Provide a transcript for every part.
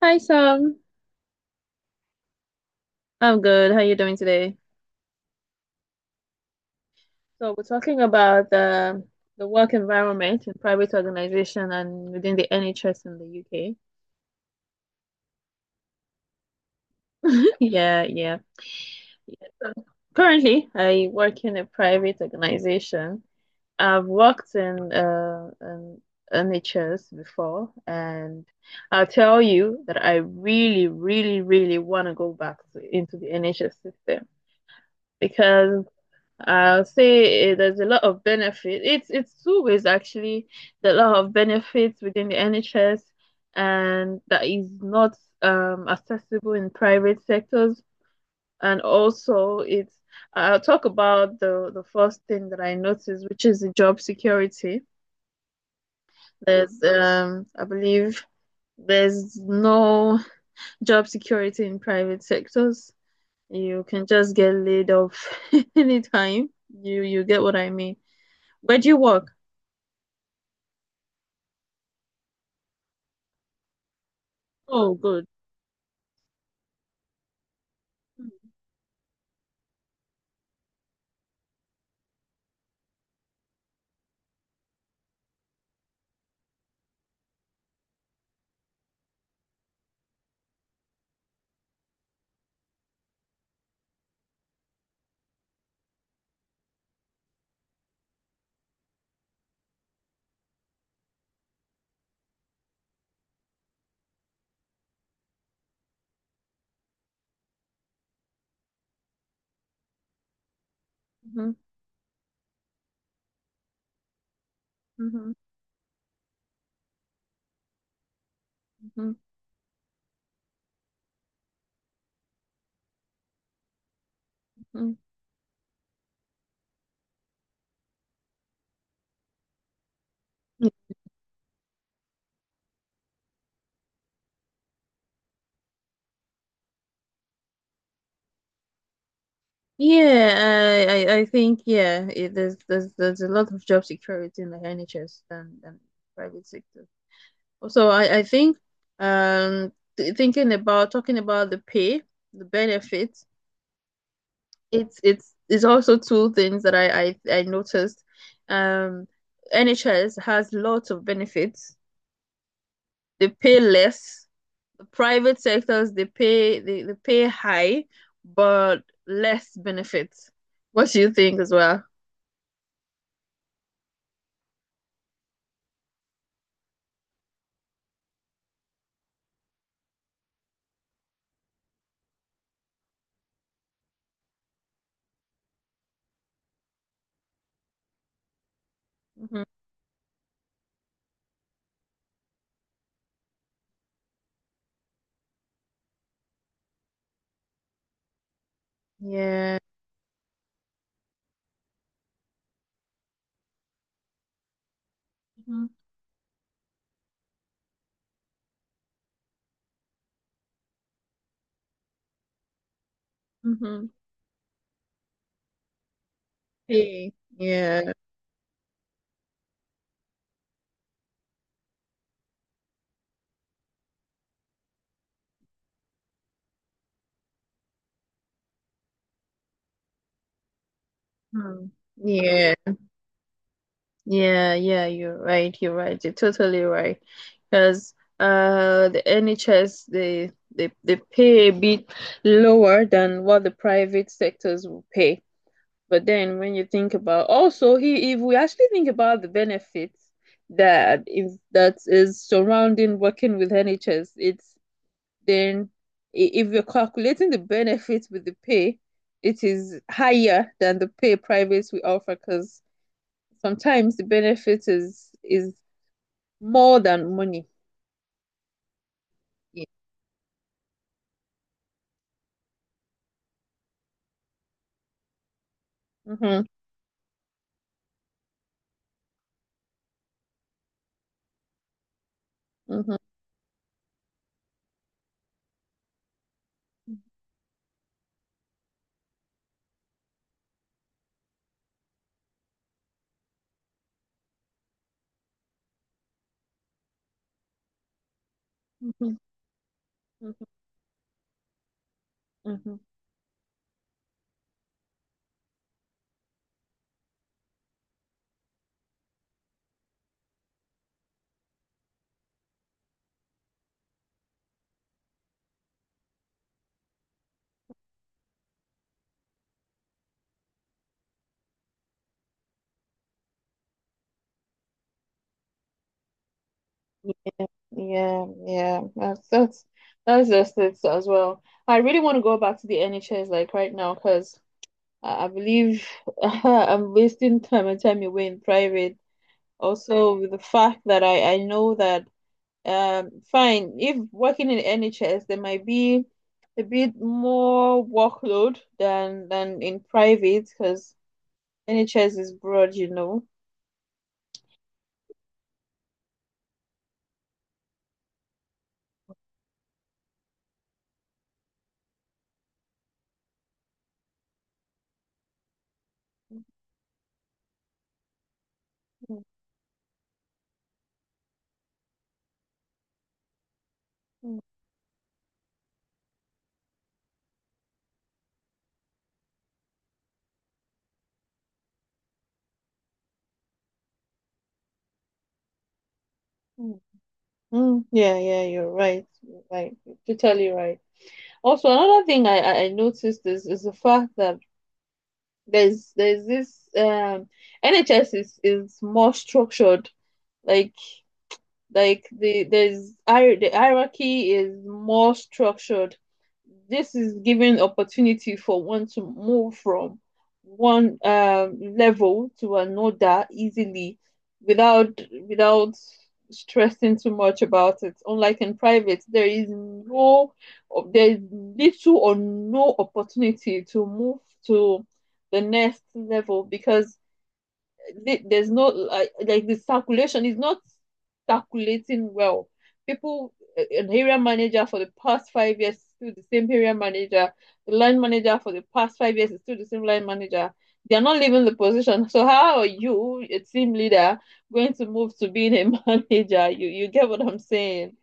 Hi, Sam. I'm good. How are you doing today? So we're talking about the work environment in private organization and within the NHS in the UK. Yeah, yeah. Yeah. So currently, I work in a private organization. I've worked in an NHS before, and I'll tell you that I really, really, really want to go back into the NHS system because I'll say, there's a lot of benefit. It's two ways actually. There's a lot of benefits within the NHS, and that is not accessible in private sectors. And also, it's I'll talk about the first thing that I noticed, which is the job security. There's I believe there's no job security in private sectors. You can just get laid off anytime. You get what I mean. Where do you work? Oh, good. Mm-hmm, mm-hmm. Hmm, hmm. Yeah, I think, yeah, there's a lot of job security in the NHS than private sector. Also, I think, um th- thinking about talking about the pay, the benefits, it's also two things that I noticed. Um, NHS has lots of benefits. They pay less, private sectors they pay high but less benefits. What do you think as well? Mhm. Yeah. Mm-hmm. Hey. Yeah. Mm. Yeah. Yeah, yeah, you're right. You're right. You're totally right. Because, the NHS, they pay a bit lower than what the private sectors will pay. But then when you think about, also, he if we actually think about the benefits, that, if that is surrounding working with NHS, then if you're calculating the benefits with the pay, it is higher than the pay privates we offer. Because sometimes the benefit is more than money. Yeah. Mm-hmm, mm-hmm, mm-hmm, mm-hmm, mm-hmm. Yeah, yeah, that's that's just it as well. I really want to go back to the NHS, like, right now, because I believe I'm wasting time and time away in private. Also, with the fact that I know that, fine, if working in NHS there might be a bit more workload than in private because NHS is broad, you know. Mm, mm, mm, mm. Yeah, yeah, you're right. You're right. You're totally right. Also, another thing I noticed is the fact that there's this, NHS is more structured. Like there's the hierarchy is more structured. This is giving opportunity for one to move from one, level to another easily without without stressing too much about it. Unlike in private, there is little or no opportunity to move to the next level because there's no, like, the circulation is not circulating well. People, an area manager for the past 5 years is still the same area manager. The line manager for the past 5 years is still the same line manager. They are not leaving the position. So how are you, a team leader, going to move to being a manager? You get what I'm saying?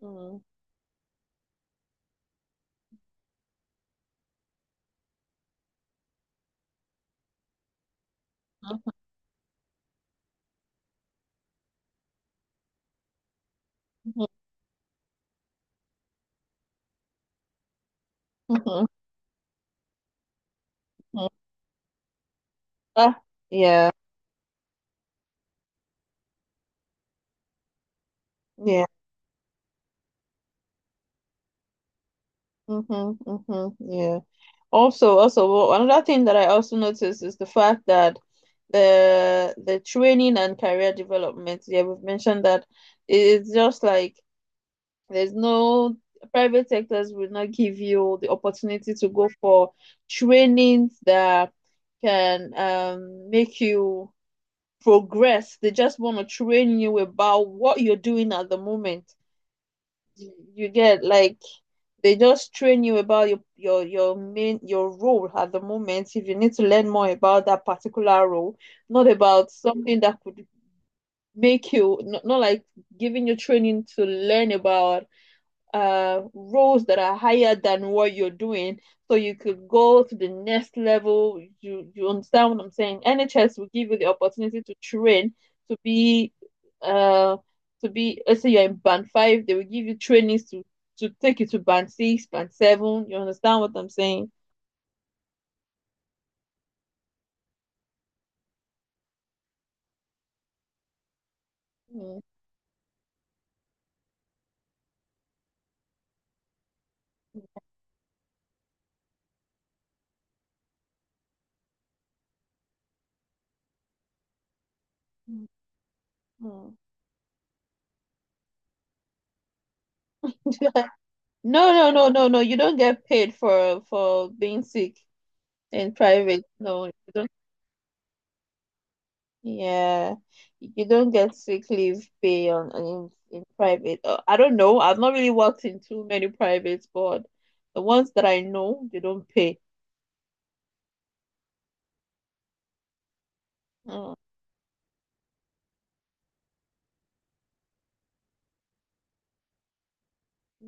Mm. Mhm. Mhm. Mhm. Ah, yeah, yeah. Hmm, hmm. Yeah. Also, well, another thing that I also noticed is the fact that, the training and career development, yeah, we've mentioned that. It's just like there's no private sectors will not give you the opportunity to go for trainings that can, make you progress. They just want to train you about what you're doing at the moment. You get, like, they just train you about your role at the moment, if you need to learn more about that particular role, not about something that could make you, not, not like, giving you training to learn about roles that are higher than what you're doing so you could go to the next level. You understand what I'm saying? NHS will give you the opportunity to train to be, uh let's say you're in band 5, they will give you trainings to take you to band 6, band 7. You understand what I'm saying? Mm. Mm. No, no, no, no, no. You don't get paid for being sick in private. No, you don't. Yeah, you don't get sick leave pay in private. I don't know. I've not really worked in too many privates, but the ones that I know, they don't pay. Mm.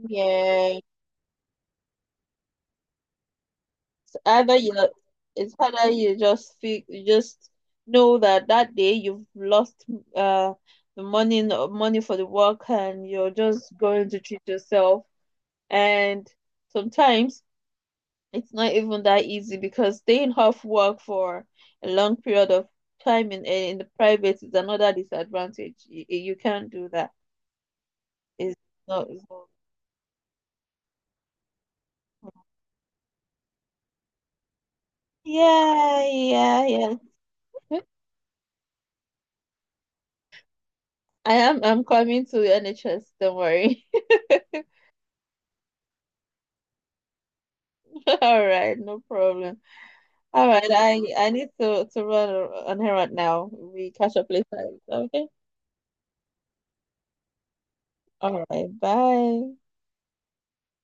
Yeah, it's either you, just feel, you just know that that day you've lost, uh the money for the work, and you're just going to treat yourself. And sometimes, it's not even that easy because staying off work for a long period of time in the private is another disadvantage. You can't do that. It's it's not. Yeah, yeah, yeah. I'm coming to NHS, don't worry. All right, no problem. All right, I need to run on here right now. We catch up later. Okay. All right, bye.